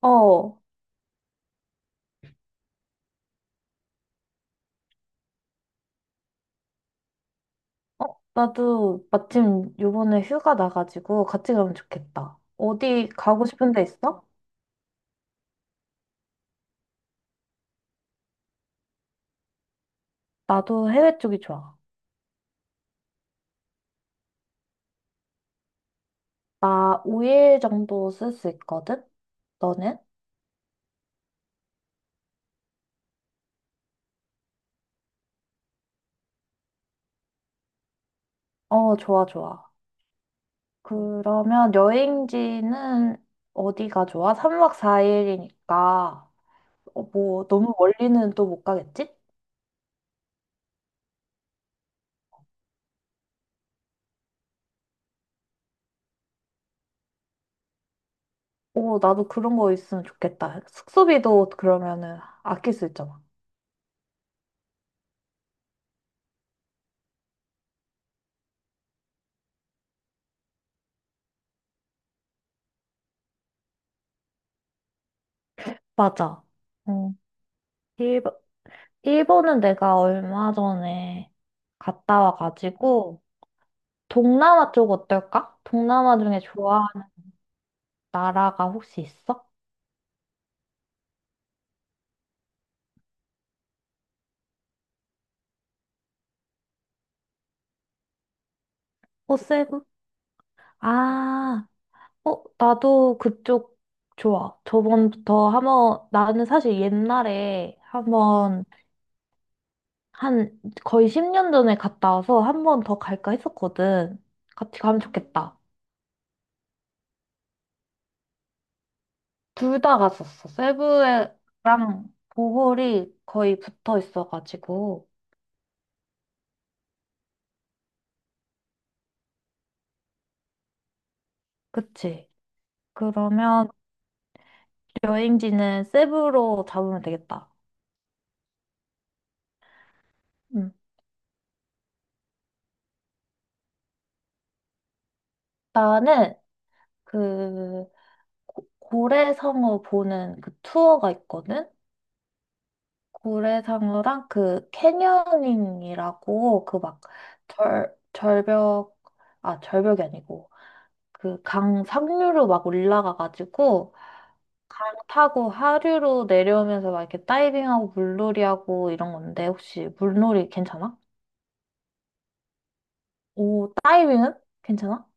어, 어, 나도 마침 요번에 휴가 나가지고 같이 가면 좋겠다. 어디 가고 싶은 데 있어? 나도 해외 쪽이 좋아. 나 5일 정도 쓸 수 있거든? 너는? 어, 좋아, 좋아. 그러면 여행지는 어디가 좋아? 3박 4일이니까, 뭐, 너무 멀리는 또 못 가겠지? 오, 나도 그런 거 있으면 좋겠다. 숙소비도 그러면은 아낄 수 있잖아. 맞아. 응. 일본은 내가 얼마 전에 갔다 와가지고, 동남아 쪽 어떨까? 동남아 중에 좋아하는 나라가 혹시 있어? 호세부? 아, 어, 나도 그쪽 좋아. 저번부터 한번, 나는 사실 옛날에 한번, 한 거의 10년 전에 갔다 와서 한번 더 갈까 했었거든. 같이 가면 좋겠다. 둘 다 갔었어. 세부랑 보홀이 거의 붙어 있어가지고. 그치? 그러면 여행지는 세부로 잡으면 되겠다. 음. 나는 그 고래상어 보는 그 투어가 있거든? 고래상어랑 그 캐녀닝이라고 그 막 절벽, 아, 절벽이 아니고 그 강 상류로 막 올라가가지고 강 타고 하류로 내려오면서 막 이렇게 다이빙하고 물놀이하고 이런 건데 혹시 물놀이 괜찮아? 오, 다이빙은? 괜찮아?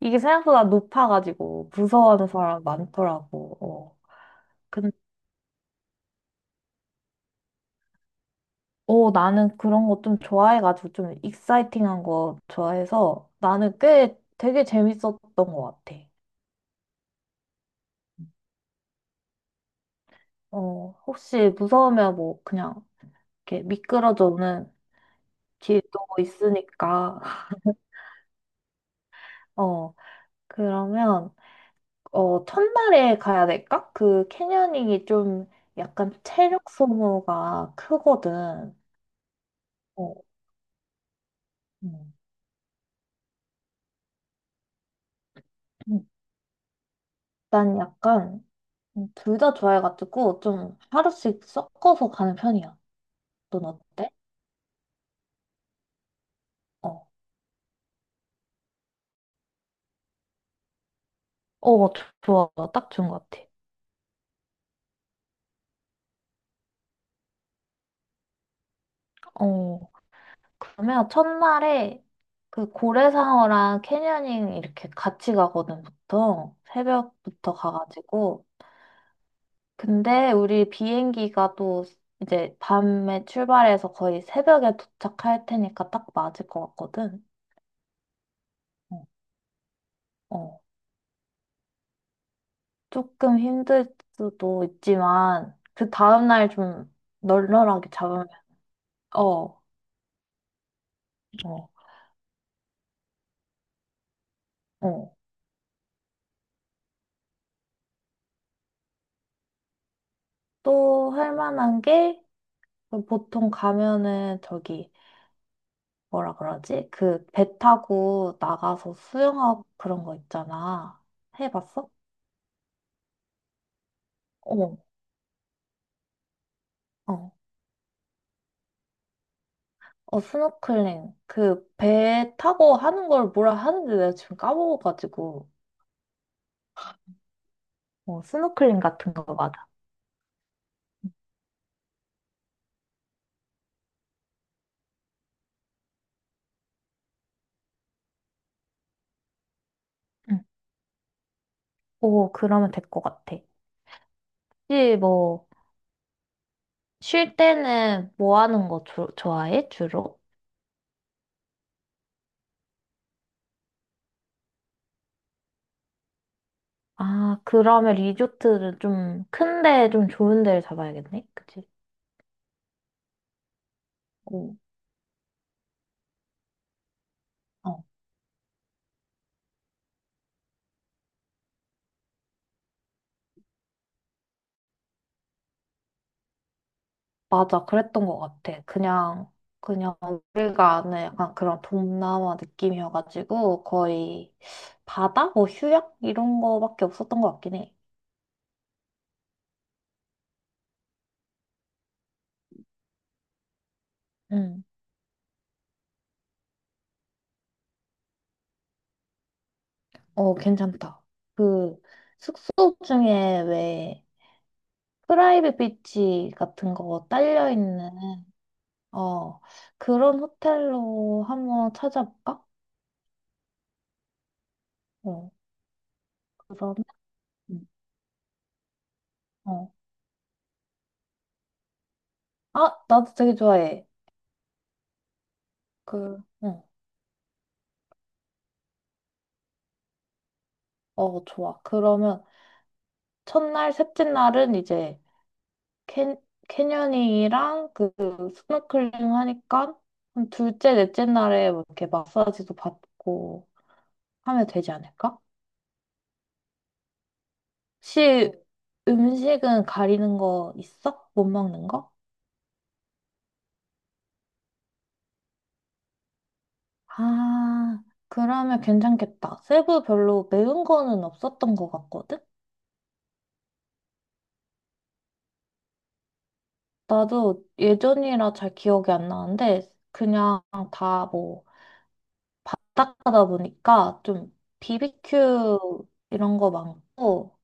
이게 생각보다 높아가지고 무서워하는 사람 많더라고. 어. 근데 어, 나는 그런 거 좀 좋아해가지고 좀 익사이팅한 거 좋아해서 나는 꽤 되게 재밌었던 것 같아. 어, 혹시 무서우면 뭐 그냥 이렇게 미끄러져 오는 길도 있으니까. 어, 그러면 어, 첫날에 가야 될까? 그 캐녀닝이 좀 약간 체력 소모가 크거든. 어, 음. 일단 약간 둘다 좋아해가지고 좀 하루씩 섞어서 가는 편이야. 넌 어때? 어, 어, 좋아. 딱 좋은 것 같아. 어, 그러면 첫날에 그 고래상어랑 캐녀닝 이렇게 같이 가거든, 보통. 새벽부터 가가지고. 근데 우리 비행기가 또 이제 밤에 출발해서 거의 새벽에 도착할 테니까 딱 맞을 것 같거든. 어, 어. 조금 힘들 수도 있지만, 그 다음날 좀 널널하게 잡으면, 어, 어, 어. 또 할 만한 게, 그 보통 가면은 저기, 뭐라 그러지? 그 배 타고 나가서 수영하고 그런 거 있잖아. 해봤어? 어, 어. 어, 스노클링. 그 배 타고 하는 걸 뭐라 하는지 내가 지금 까먹어가지고. 어, 스노클링 같은 거 맞아. 응. 오, 그러면 될 것 같아. 혹시 뭐, 쉴 때는 뭐 하는 거 좋아해, 주로? 아, 그러면 리조트를 좀 큰데 좀 좋은 데를 잡아야겠네. 그치? 오, 어, 맞아. 그랬던 것 같아. 그냥 우리가 아는 약간 그런 동남아 느낌이어가지고 거의 바다? 뭐 휴양? 이런 거밖에 없었던 것 같긴 해. 응. 어, 괜찮다. 그 숙소 중에 왜 프라이빗 비치 같은 거 딸려 있는 어, 그런 호텔로 한번 찾아볼까? 어, 그러면, 음, 어. 아, 나도 되게 좋아해. 그, 응, 어, 좋아. 그러면, 첫날, 셋째 날은 이제, 캐, 캐녀닝이랑 그, 스노클링 하니까, 한 둘째, 넷째 날에 뭐 이렇게 마사지도 받고 하면 되지 않을까? 혹시 음식은 가리는 거 있어? 못 먹는 거? 아, 그러면 괜찮겠다. 세부 별로 매운 거는 없었던 것 같거든? 나도 예전이라 잘 기억이 안 나는데, 다 뭐, 딱하다 보니까 좀 BBQ 이런 거 많고,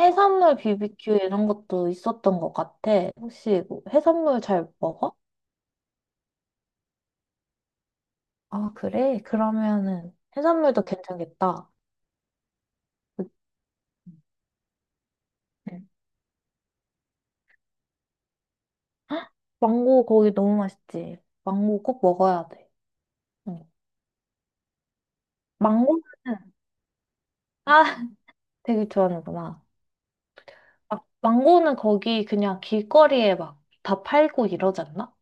해산물 BBQ 이런 것도 있었던 것 같아. 혹시 뭐 해산물 잘 먹어? 아, 그래? 그러면은 해산물도 괜찮겠다. 응. 망고 거기 너무 맛있지? 망고 꼭 먹어야 돼. 응. 망고? 는 아, 되게 좋아하는구나. 막 망고는 거기 그냥 길거리에 막 다 팔고 이러지 않나?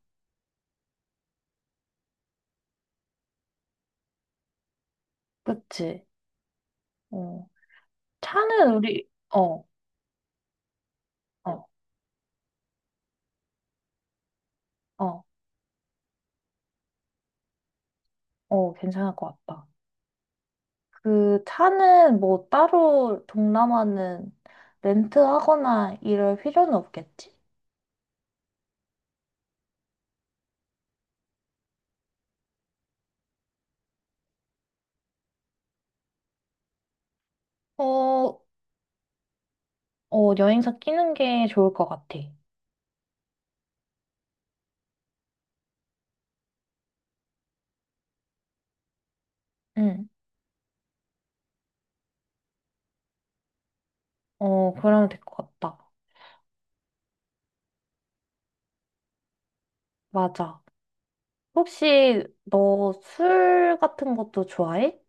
그치? 어. 차는 우리, 어, 어, 어, 괜찮을 것 같다. 그 차는 뭐 따로 동남아는 렌트하거나 이럴 필요는 없겠지? 어, 어, 여행사 끼는 게 좋을 것 같아. 응, 그러면 될 것 같다. 맞아. 혹시 너 술 같은 것도 좋아해?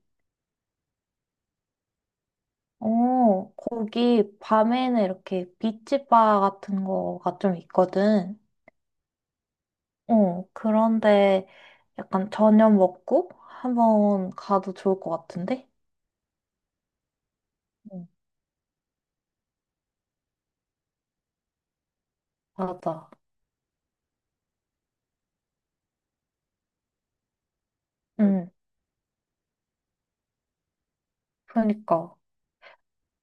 어, 거기 밤에는 이렇게 비치바 같은 거가 좀 있거든. 어, 그런데 약간 저녁 먹고 한번 가도 좋을 것 같은데? 응, 맞아. 응, 그러니까.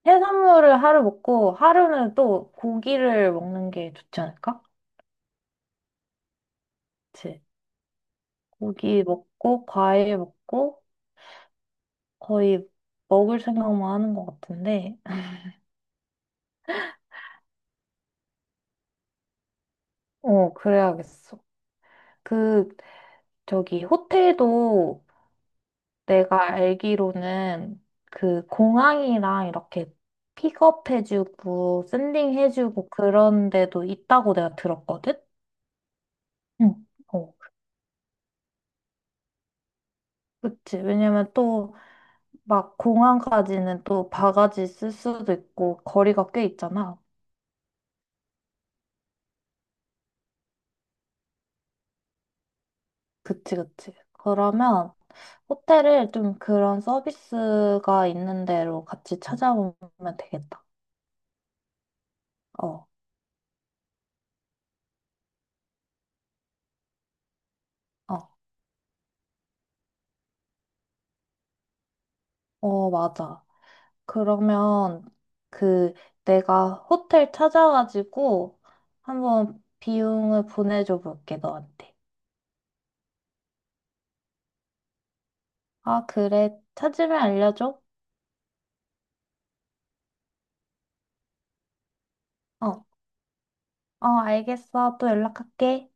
해산물을 하루 먹고 하루는 또 고기를 먹는 게 좋지 않을까? 그치? 고기 먹고 과일 먹고 거의 먹을 생각만 하는 것 같은데. 어, 그래야겠어. 그, 저기, 호텔도 내가 알기로는 그 공항이랑 이렇게 픽업해주고 샌딩해주고 그런 데도 있다고 내가 들었거든? 응. 어, 그치. 왜냐면 또 막 공항까지는 또 바가지 쓸 수도 있고 거리가 꽤 있잖아. 그치, 그치. 그러면 호텔을 좀 그런 서비스가 있는 데로 같이 찾아보면 되겠다. 어, 어, 맞아. 그러면 그 내가 호텔 찾아가지고 한번 비용을 보내줘 볼게, 너한테. 아, 그래. 찾으면 알려줘. 어, 알겠어. 또 연락할게.